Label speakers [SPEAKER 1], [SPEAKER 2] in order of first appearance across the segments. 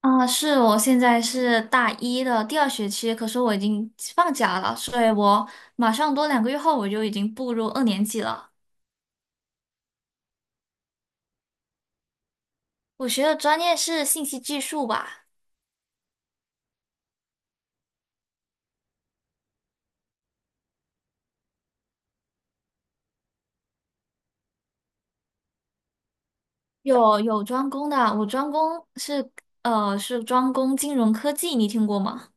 [SPEAKER 1] 啊，我现在是大一的第二学期，可是我已经放假了，所以我马上多2个月后我就已经步入2年级了。我学的专业是信息技术吧，有专攻的，我专攻是专攻金融科技，你听过吗？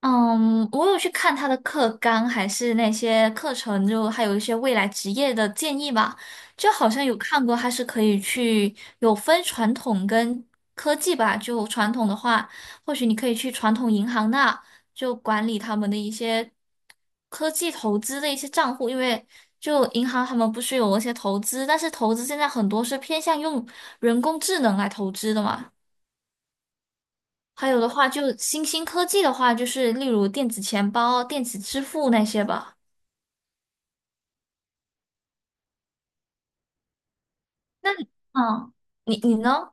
[SPEAKER 1] 嗯，我有去看他的课纲，还是那些课程，就还有一些未来职业的建议吧。就好像有看过，他是可以去有分传统跟科技吧。就传统的话，或许你可以去传统银行那就管理他们的一些科技投资的一些账户，因为就银行他们不是有一些投资，但是投资现在很多是偏向用人工智能来投资的嘛。还有的话，就新兴科技的话，就是例如电子钱包、电子支付那些吧。那你嗯，你你呢？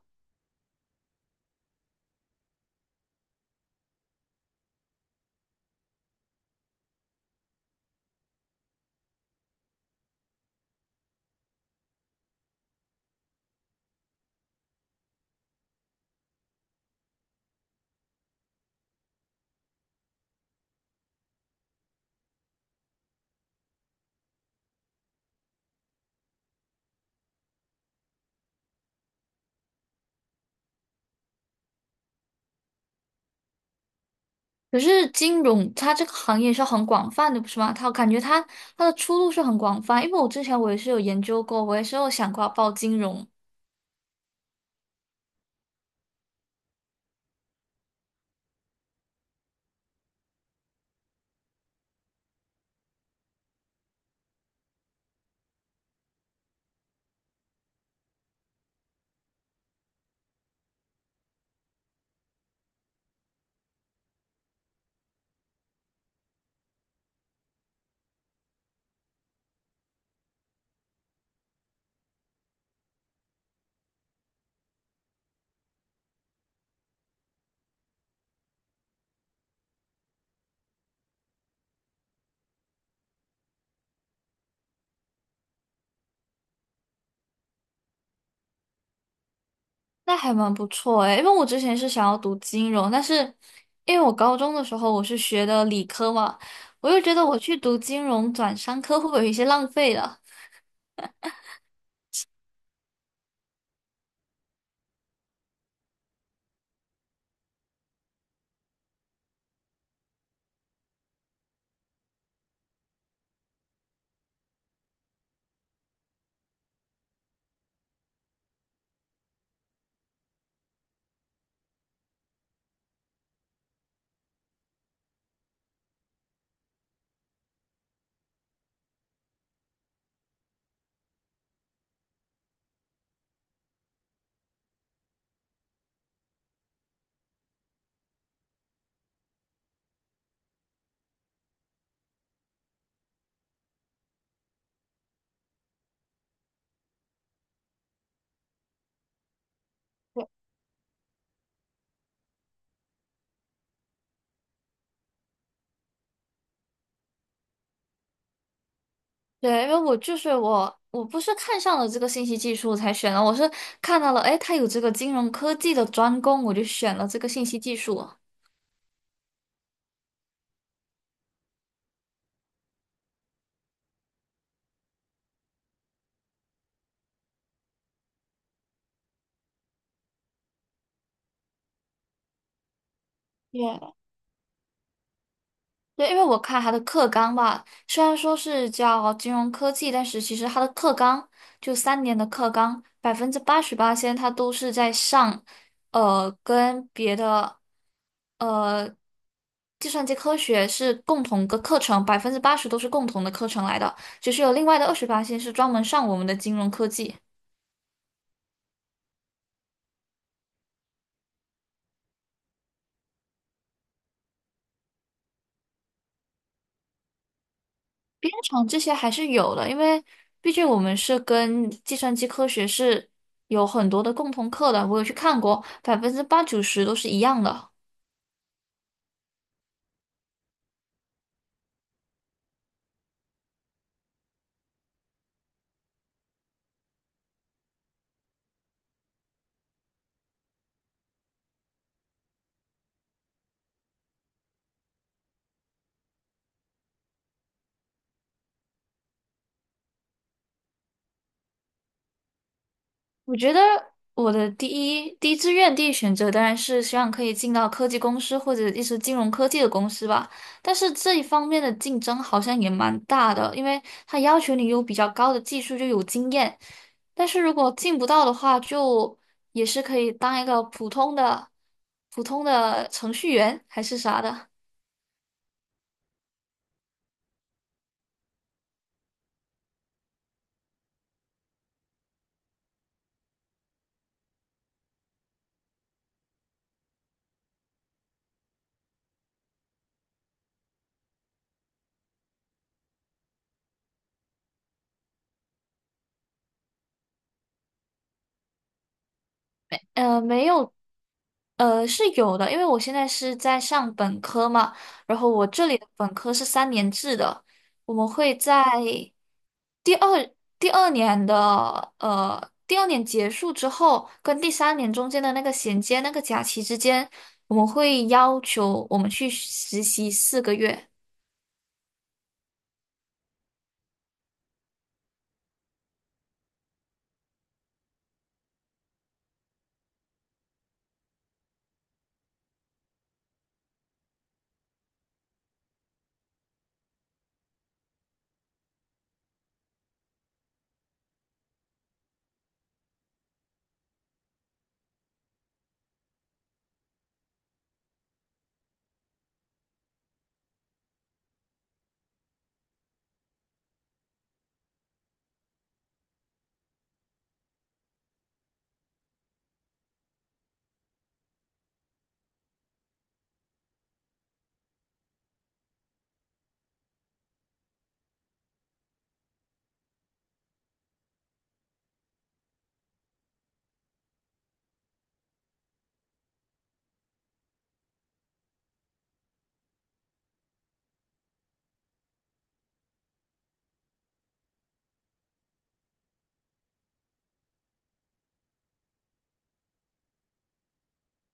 [SPEAKER 1] 可是金融它这个行业是很广泛的，不是吗？它感觉它的出路是很广泛，因为我之前也是有研究过，我也是有想过要报金融，那还蛮不错诶，因为我之前是想要读金融，但是因为我高中的时候我是学的理科嘛，我又觉得我去读金融转商科会不会有一些浪费了？对，因为我不是看上了这个信息技术才选的，我是看到了，哎，它有这个金融科技的专攻，我就选了这个信息技术。对对，因为我看他的课纲吧，虽然说是叫金融科技，但是其实他的课纲就三年的课纲，88%先它都是在上，呃，跟别的，呃，计算机科学是共同的课程，百分之八十都是共同的课程来的，只是有另外的28先是专门上我们的金融科技。编程这些还是有的，因为毕竟我们是跟计算机科学是有很多的共同课的，我有去看过，80%-90%都是一样的。我觉得我的第一志愿、第一选择当然是希望可以进到科技公司或者一些金融科技的公司吧。但是这一方面的竞争好像也蛮大的，因为它要求你有比较高的技术，就有经验。但是如果进不到的话，就也是可以当一个普通的程序员还是啥的。没有是有的，因为我现在是在上本科嘛，然后我这里的本科是3年制的，我们会在第二第二年结束之后，跟第三年中间的那个衔接那个假期之间，我们会要求我们去实习4个月，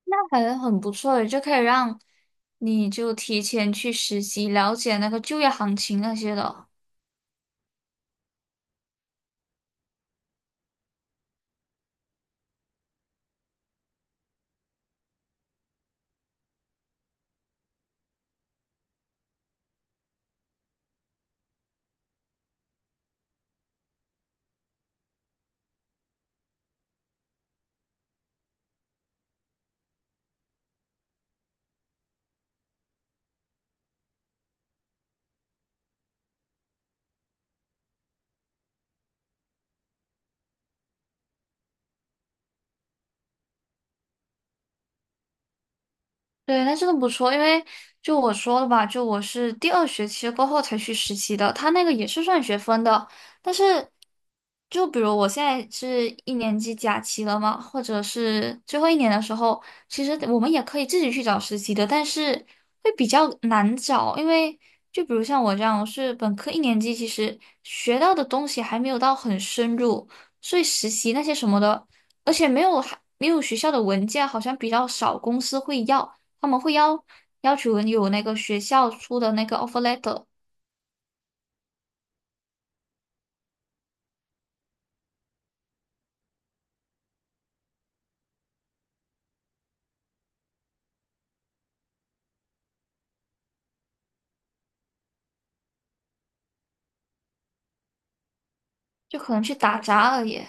[SPEAKER 1] 那感觉很不错的，就可以让你就提前去实习，了解那个就业行情那些的。对，那真的不错，因为就我说了吧，就我是第二学期过后才去实习的，他那个也是算学分的，但是就比如我现在是一年级假期了嘛，或者是最后一年的时候，其实我们也可以自己去找实习的，但是会比较难找，因为就比如像我这样，我是本科一年级，其实学到的东西还没有到很深入，所以实习那些什么的，而且没有还没有学校的文件，好像比较少公司会要。他们会要求你有那个学校出的那个 offer letter，就可能去打杂而已。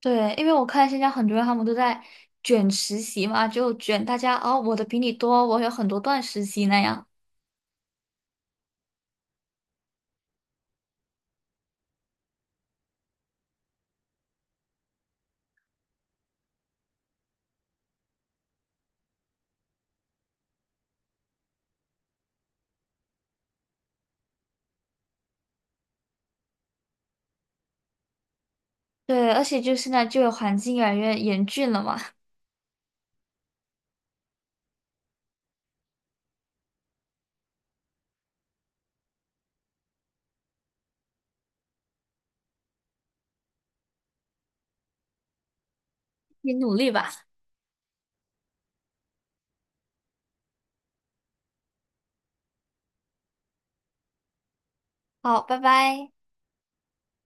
[SPEAKER 1] 对，因为我看现在很多人他们都在卷实习嘛，就卷大家哦，我的比你多，我有很多段实习那样。对，而且就现在就业环境越来越严峻了嘛，你努力吧。好，拜拜。